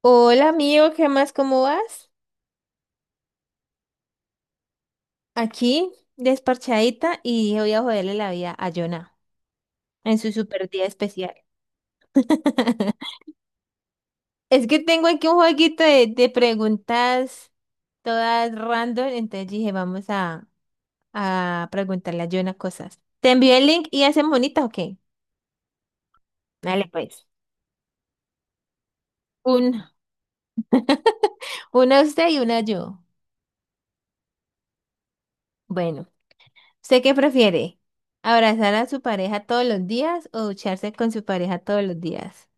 Hola amigo, ¿qué más? ¿Cómo vas? Aquí, desparchadita, y dije, voy a joderle la vida a Jonah en su super día especial. Es que tengo aquí un jueguito de preguntas todas random, entonces dije, vamos a preguntarle a Jonah cosas. ¿Te envío el link y hacen bonitas, ¿ok? Dale pues. Un, una usted y una yo. Bueno, ¿usted qué prefiere? ¿Abrazar a su pareja todos los días o ducharse con su pareja todos los días?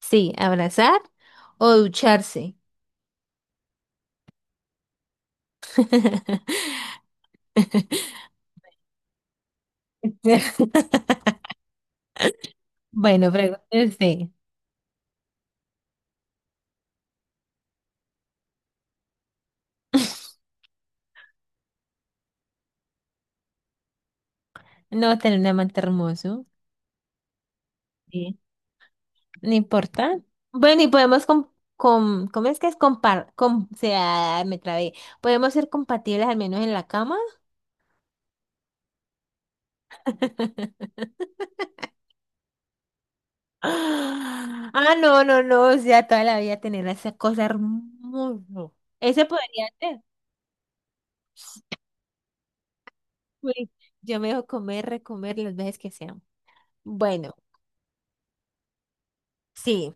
Sí, abrazar o ducharse. Bueno, pregúntese. No tener un amante hermoso. Sí. No importa. Bueno, y podemos com com- ¿cómo es que es compar com o sea, me trabé. Podemos ser compatibles al menos en la cama. Ah, no, no, no. O sea, toda la vida tener esa cosa hermosa. Ese podría ser. Uy, yo me dejo comer, recomer las veces que sean. Bueno, sí.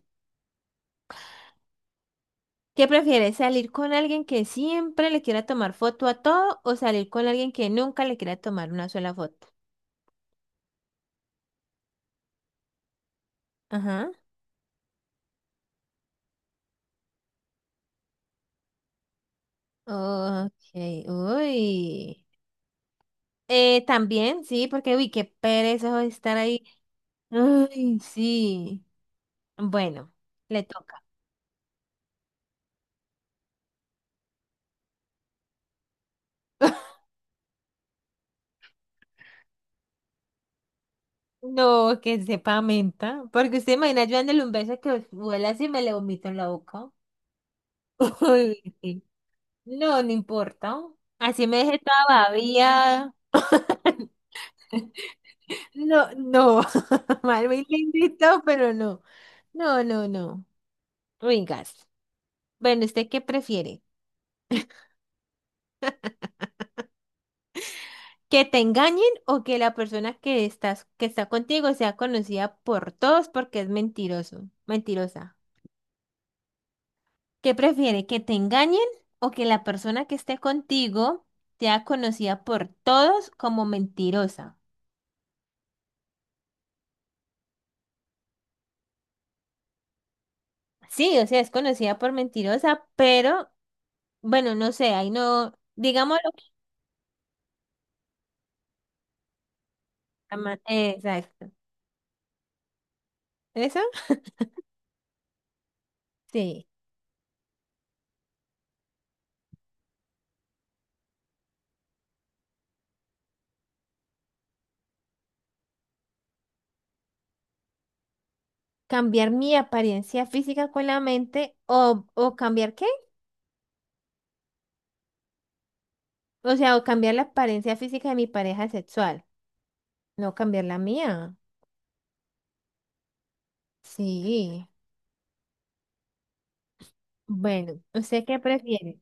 ¿Qué prefieres? ¿Salir con alguien que siempre le quiera tomar foto a todo o salir con alguien que nunca le quiera tomar una sola foto? Ajá. Ok, uy. También, sí, porque uy, qué pereza estar ahí. Ay, sí. Bueno, le toca. No, que sepa menta. Porque usted imagina yo dándole un beso que vuela así y me le vomito en la boca. Uy, sí. No, no importa. Así me dejé toda babiada. No, no. Marvin le invitó, pero no. No, no, no. Ringas. Bueno, ¿usted qué prefiere? ¿Que te engañen o que la persona que estás, que está contigo sea conocida por todos porque es mentiroso, mentirosa? ¿Qué prefiere? ¿Que te engañen o que la persona que esté contigo sea conocida por todos como mentirosa? Sí, o sea, es conocida por mentirosa, pero bueno, no sé, ahí no, digámoslo. Exacto. ¿Eso? Sí, cambiar mi apariencia física con la mente o cambiar qué? O sea, o cambiar la apariencia física de mi pareja sexual, no cambiar la mía. Sí, bueno, ¿usted qué prefiere?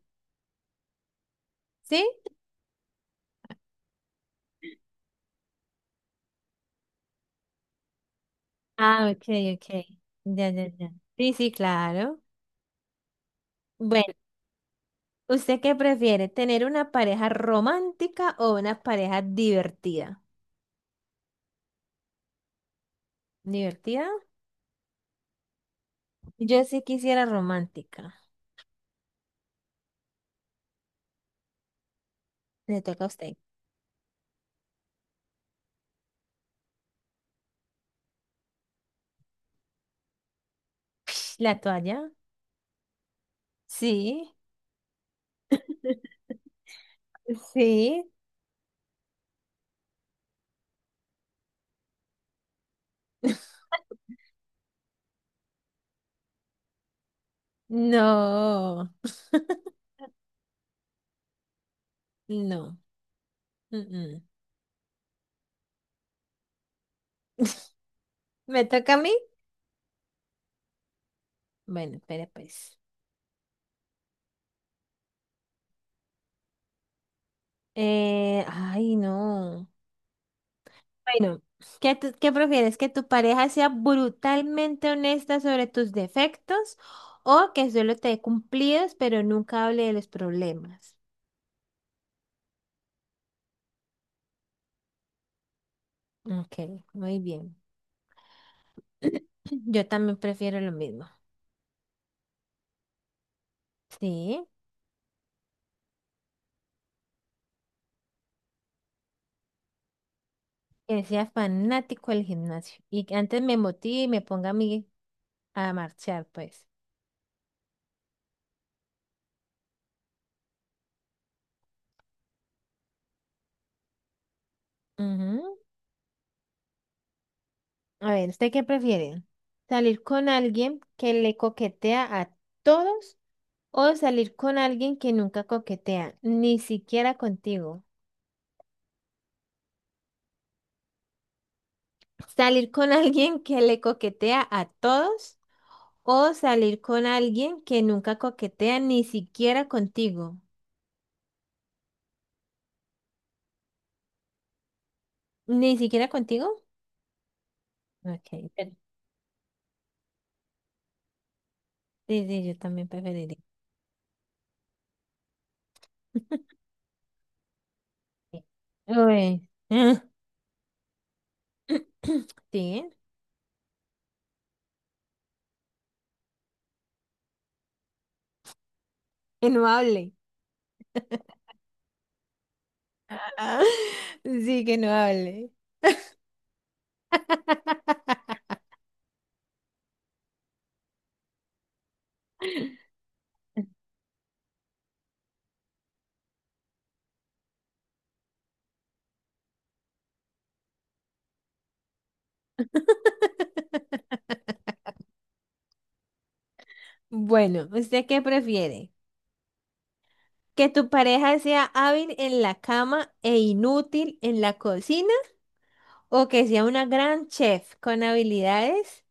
¿Sí? Ah, ok, ok. Ya, ya, ya. Sí, sí, claro. Bueno, ¿usted qué prefiere? ¿Tener una pareja romántica o una pareja divertida? ¿Divertida? Yo sí quisiera romántica. Le toca a usted. ¿La toalla? Sí. Sí, no, no. Mm, mm. ¿Me toca a mí? Bueno, espera pues. Ay, no. Bueno, ¿qué prefieres? ¿Que tu pareja sea brutalmente honesta sobre tus defectos o que solo te dé cumplidos pero nunca hable de los problemas? Ok, muy bien. Yo también prefiero lo mismo. Sí, que sea fanático del gimnasio y que antes me motive y me ponga a mí a marchar, pues. A ver, ¿usted qué prefiere? ¿Salir con alguien que le coquetea a todos o salir con alguien que nunca coquetea, ni siquiera contigo? ¿Salir con alguien que le coquetea a todos o salir con alguien que nunca coquetea, ni siquiera contigo? ¿Ni siquiera contigo? Ok, pero- sí, sí, yo también preferiría. Uy. Sí, que no hable. Sí, que no hable. Bueno, ¿usted qué prefiere? ¿Que tu pareja sea hábil en la cama e inútil en la cocina? ¿O que sea una gran chef con habilidades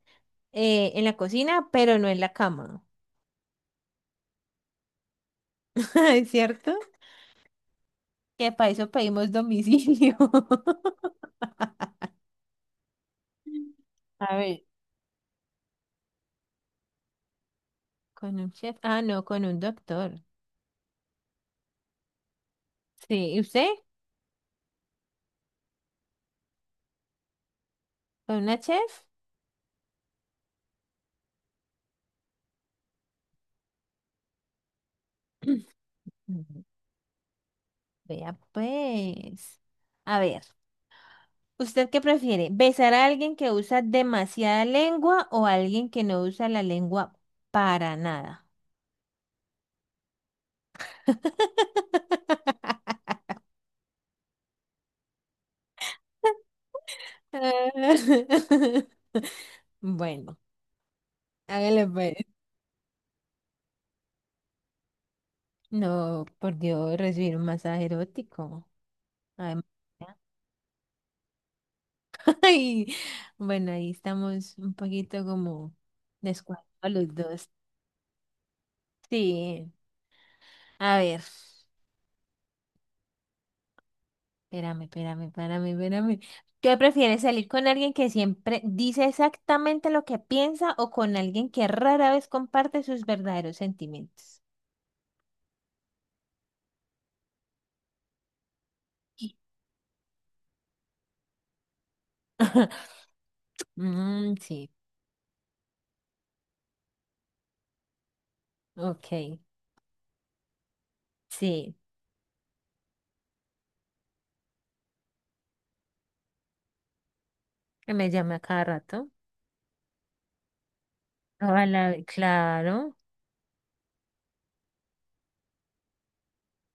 en la cocina, pero no en la cama? ¿Es cierto? Que para eso pedimos domicilio. A ver, ¿con un chef? Ah, no, con un doctor. Sí, ¿y usted? ¿Con una chef? Ujú. Vea pues. A ver. ¿Usted qué prefiere? ¿Besar a alguien que usa demasiada lengua o a alguien que no usa la lengua para nada? Bueno, hágale pues. No, por Dios, recibir un masaje erótico. Ay, ay, bueno, ahí estamos un poquito como descuadrados los dos. Sí, a ver. Espérame, espérame, espérame, espérame. ¿Qué prefieres, salir con alguien que siempre dice exactamente lo que piensa o con alguien que rara vez comparte sus verdaderos sentimientos? Sí. Mm, sí, ok, sí, que me llame a cada rato. Ojalá, claro.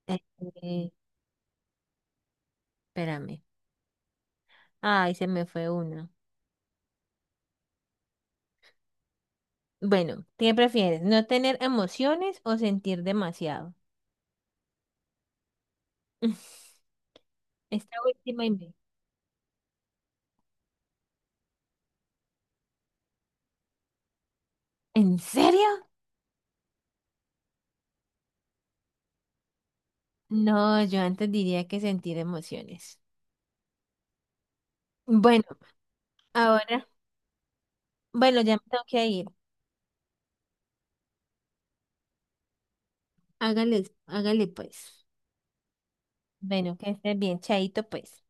Eh, eh, espérame. Ay, se me fue una. Bueno, ¿qué prefieres? ¿No tener emociones o sentir demasiado? Esta última y me- ¿En serio? No, yo antes diría que sentir emociones. Bueno, ahora, bueno, ya me tengo que ir. Hágale, hágale pues. Bueno, que estés bien, chaito pues.